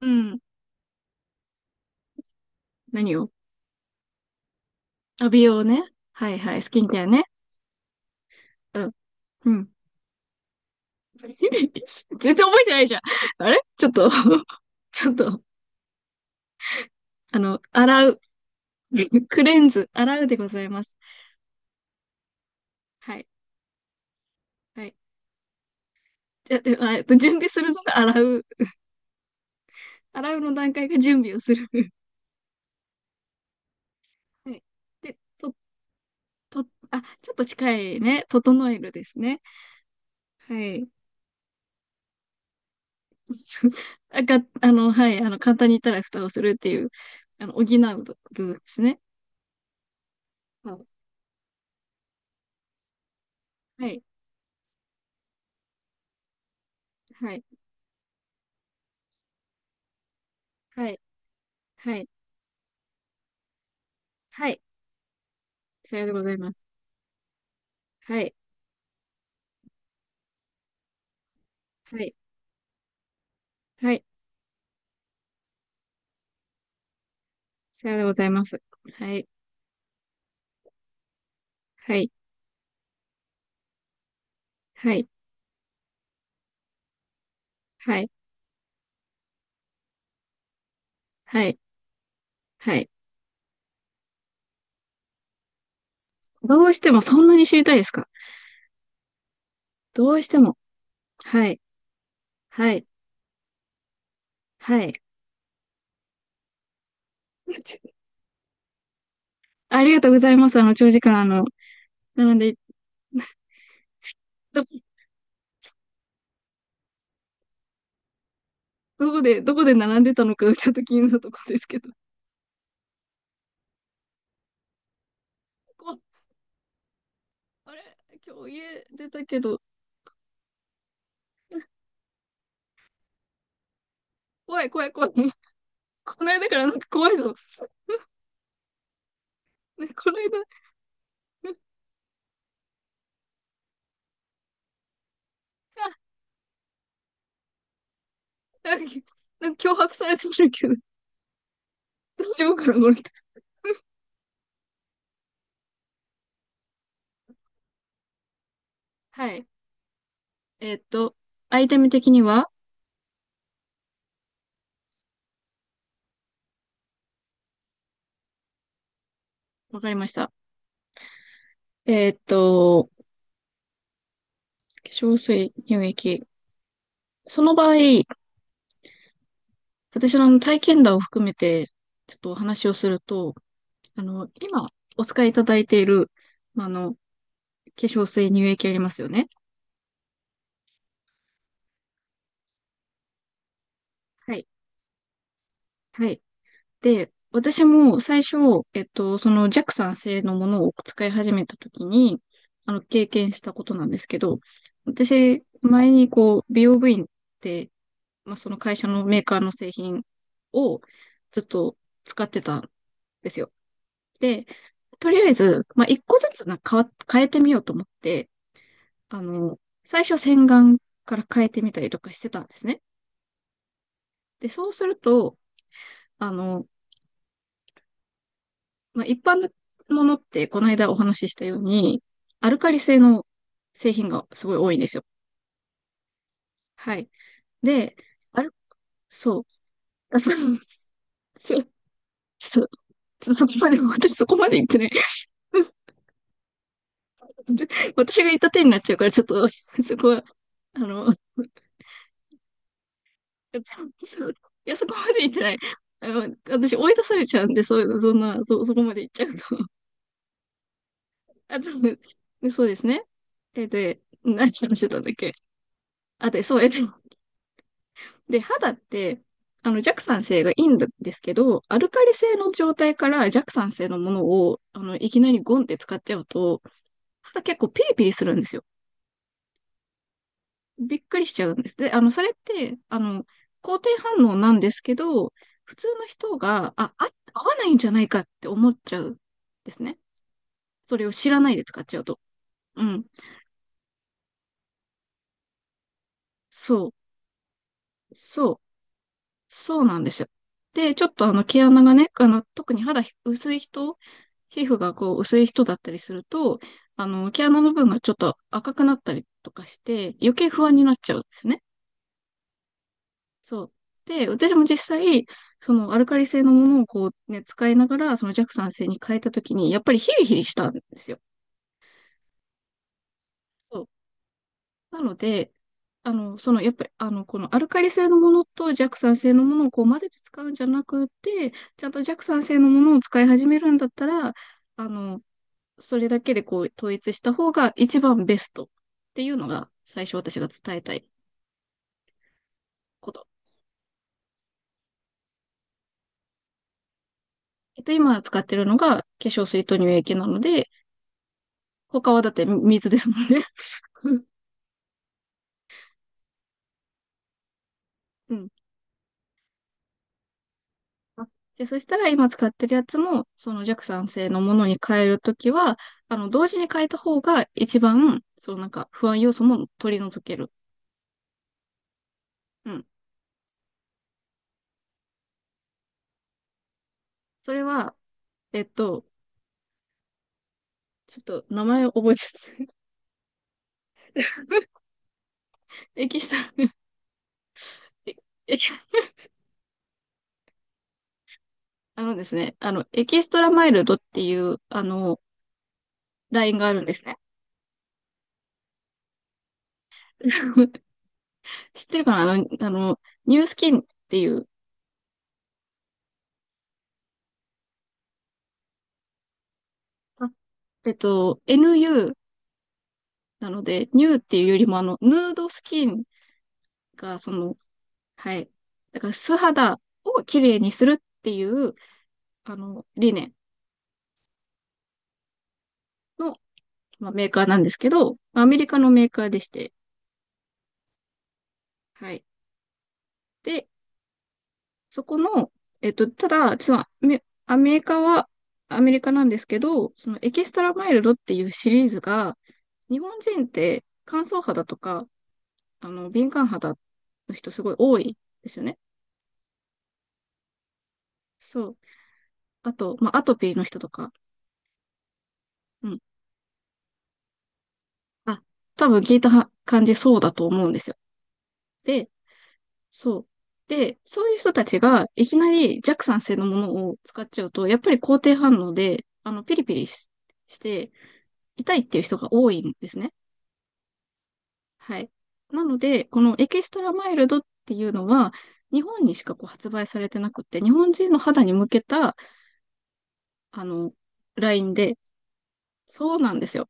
うん。何を？あ、美容ね。はいはい。スキンケアね。うん。うん。全然覚えてないじゃん。あれちょっと ちょっと、あの、洗う。クレンズ。洗うでございます。はい。はい。じゃ、で、準備するのが洗う。洗うの段階が準備をする。はい。で、と、と、あ、ちょっと近いね。整えるですね。はい。そう。あ、が、あの、はい。簡単に言ったら蓋をするっていう、補う部分ですね。はい。はいはい、はい、はい、はい。さようでございます。はい、はい、はい。さようでございます。はい、はい、はい、はい、はい、はい。どうしてもそんなに知りたいですか？どうしても。はい、はい、はい。ありがとうございます。長時間、並んで、ど、どこで並んでたのか、ちょっと気になるとこですけど。こ、あれ、今日家出たけど、怖い、怖い、怖い。この間からなんか怖いぞ。ねこの間、なんか脅迫されてるけど、大丈夫かな、この人。はい。えーっと、アイテム的にはわかりました。えーっと、化粧水、乳液。その場合、私の体験談を含めて、ちょっとお話をすると、今お使いいただいている、化粧水、乳液ありますよね。はい。はい。で、私も最初、そのジャクさん製のものを使い始めた時に、経験したことなんですけど、私、前にこう、美容部員って、まあ、その会社のメーカーの製品をずっと使ってたんですよ。で、とりあえず、まあ、一個ずつな、変えてみようと思って、あの、最初洗顔から変えてみたりとかしてたんですね。で、そうすると、あの、まあ、一般のものって、この間お話ししたように、アルカリ性の製品がすごい多いんですよ。はい。で、アル、そう。そう、そう、ちょっと、そこまで、私そこまで言ってない。で、私が言った手になっちゃうから、ちょっと、そこは、あの、そういや、そこまで言ってない。私追い出されちゃうんで、そういうの、そんな、そこまで言っちゃうと。あと、でそうですね。で、何話してたんだっけ？あ、で、そう、え、で、で、肌って、弱酸性がいいんですけど、アルカリ性の状態から弱酸性のものを、いきなりゴンって使っちゃうと、肌結構ピリピリするんですよ。びっくりしちゃうんです。で、それって、肯定反応なんですけど、普通の人が、合わないんじゃないかって思っちゃうんですね。それを知らないで使っちゃうと。うん。そう。そう。そうなんですよ。で、ちょっと毛穴がね、特に肌薄い人、皮膚がこう薄い人だったりすると、毛穴の部分がちょっと赤くなったりとかして、余計不安になっちゃうんですね。そう。で、私も実際、そのアルカリ性のものをこうね、使いながら、その弱酸性に変えたときに、やっぱりヒリヒリしたんですよ。そう。なので、やっぱり、このアルカリ性のものと弱酸性のものをこう混ぜて使うんじゃなくて、ちゃんと弱酸性のものを使い始めるんだったら、あの、それだけでこう統一した方が一番ベストっていうのが最初私が伝えたいこと。今使ってるのが化粧水と乳液なので、他はだって水ですもんね。うん。で、そしたら今使ってるやつも、その弱酸性のものに変えるときは、同時に変えた方が一番、そのなんか不安要素も取り除ける。うん。それは、えっと、ちょっと名前を覚えて エキストラ、エキ、あのですね、あの、エキストラマイルドっていう、ラインがあるんですね。知ってるかな。ニュースキンっていう、あNU なので、ニューっていうよりも、ヌードスキンが、その、はい。だから、素肌を綺麗にするっていう、理念の、まあ、メーカーなんですけど、アメリカのメーカーでして、はい。で、そこの、ただ、そのアメアメリカはアメリカなんですけど、そのエキストラマイルドっていうシリーズが、日本人って乾燥肌とか、敏感肌の人すごい多いですよね。そう。あと、まあ、アトピーの人とか、うん。あ、多分聞いたは感じそうだと思うんですよ。で、そう。で、そういう人たちがいきなり弱酸性のものを使っちゃうと、やっぱり肯定反応で、ピリピリしして、痛いっていう人が多いんですね。はい。なので、このエキストラマイルドっていうのは、日本にしかこう発売されてなくて、日本人の肌に向けた、あの、ラインで、そうなんですよ。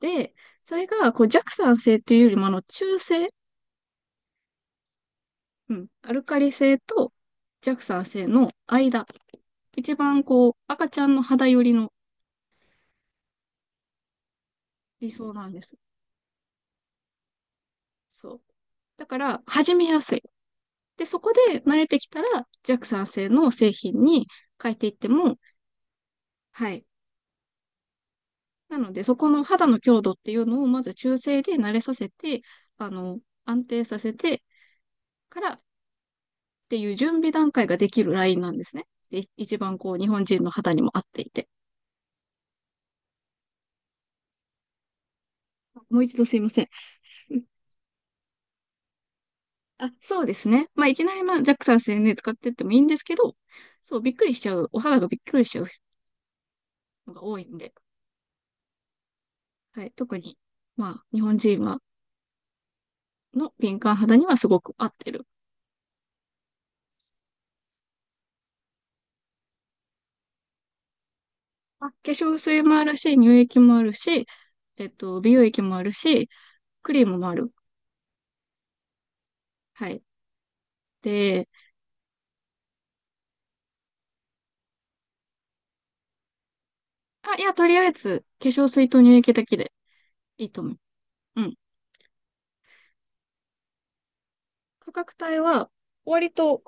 で、それが、こう、弱酸性というよりも、中性、うん、アルカリ性と弱酸性の間、一番、こう、赤ちゃんの肌寄りの理想なんです。そう。だから、始めやすい。で、そこで慣れてきたら、弱酸性の製品に変えていっても、はい。なので、そこの肌の強度っていうのをまず中性で慣れさせて、安定させてからっていう準備段階ができるラインなんですね。で、一番こう、日本人の肌にも合っていて。もう一度すいません。うん。そうですね。まあ、いきなりまあ、ジャックさん宣伝使ってってもいいんですけど、そう、びっくりしちゃう、お肌がびっくりしちゃうのが多いんで、はい、特に、まあ、日本人は、の敏感肌にはすごく合ってる。化粧水もあるし、乳液もあるし、美容液もあるし、クリームもある。はい。で、いや、とりあえず、化粧水と乳液だけでいいと思う。うん。価格帯は、割と、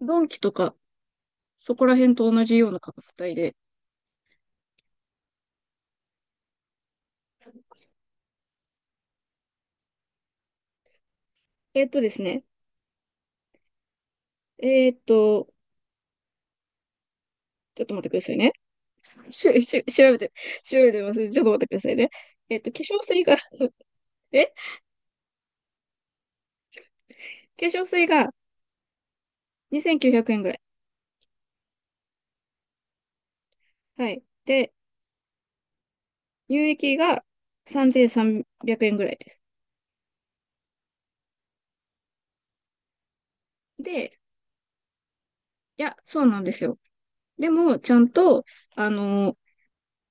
ドンキとか、そこら辺と同じような価格帯で。ですね。えーっと、ちょっと待ってくださいね。し、し、調べて、調べてみますね。ちょっと待ってくださいね。えーっと、化粧水が え、化粧水が2900円ぐらい。はい。で、乳液が3300円ぐらいです。で、いや、そうなんですよ。でも、ちゃんと、あの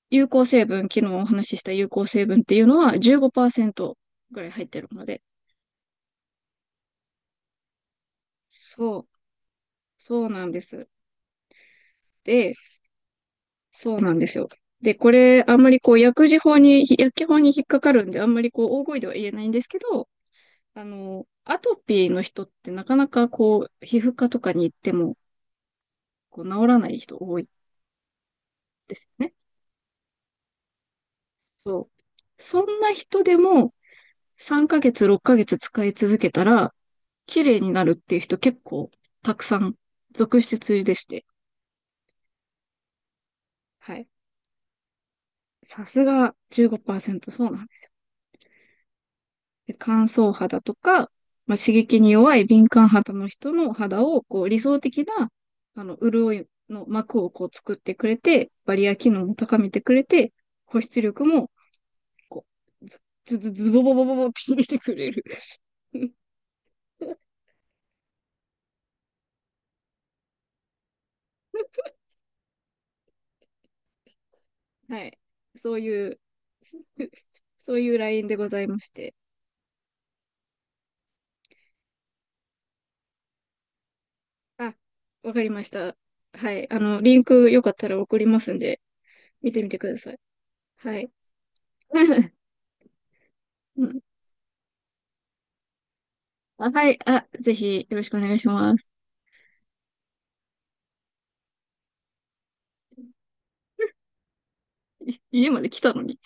有効成分、昨日お話しした有効成分っていうのは15%ぐらい入ってるので。そう、そうなんです。で、そうなんですよ。で、これ、あんまりこう、薬事法に、薬機法に引っかかるんで、あんまりこう、大声では言えないんですけど、アトピーの人ってなかなかこう、皮膚科とかに行っても、こう、治らない人多いですよね。そう。そんな人でも、3ヶ月、6ヶ月使い続けたら、綺麗になるっていう人結構たくさん続出でして。はい。さすが15%。そうなんですよ。で、乾燥肌とか、まあ、刺激に弱い敏感肌の人の肌をこう理想的な潤いの膜をこう作ってくれて、バリア機能も高めてくれて、保湿力もこう、ズズズズボボボボボって入てくれる。はい。そういう、そういうラインでございまして。あ、わかりました。はい。リンクよかったら送りますんで、見てみてください。はい。うんあ、はい。ぜひよろしくお願いします。家まで来たのに。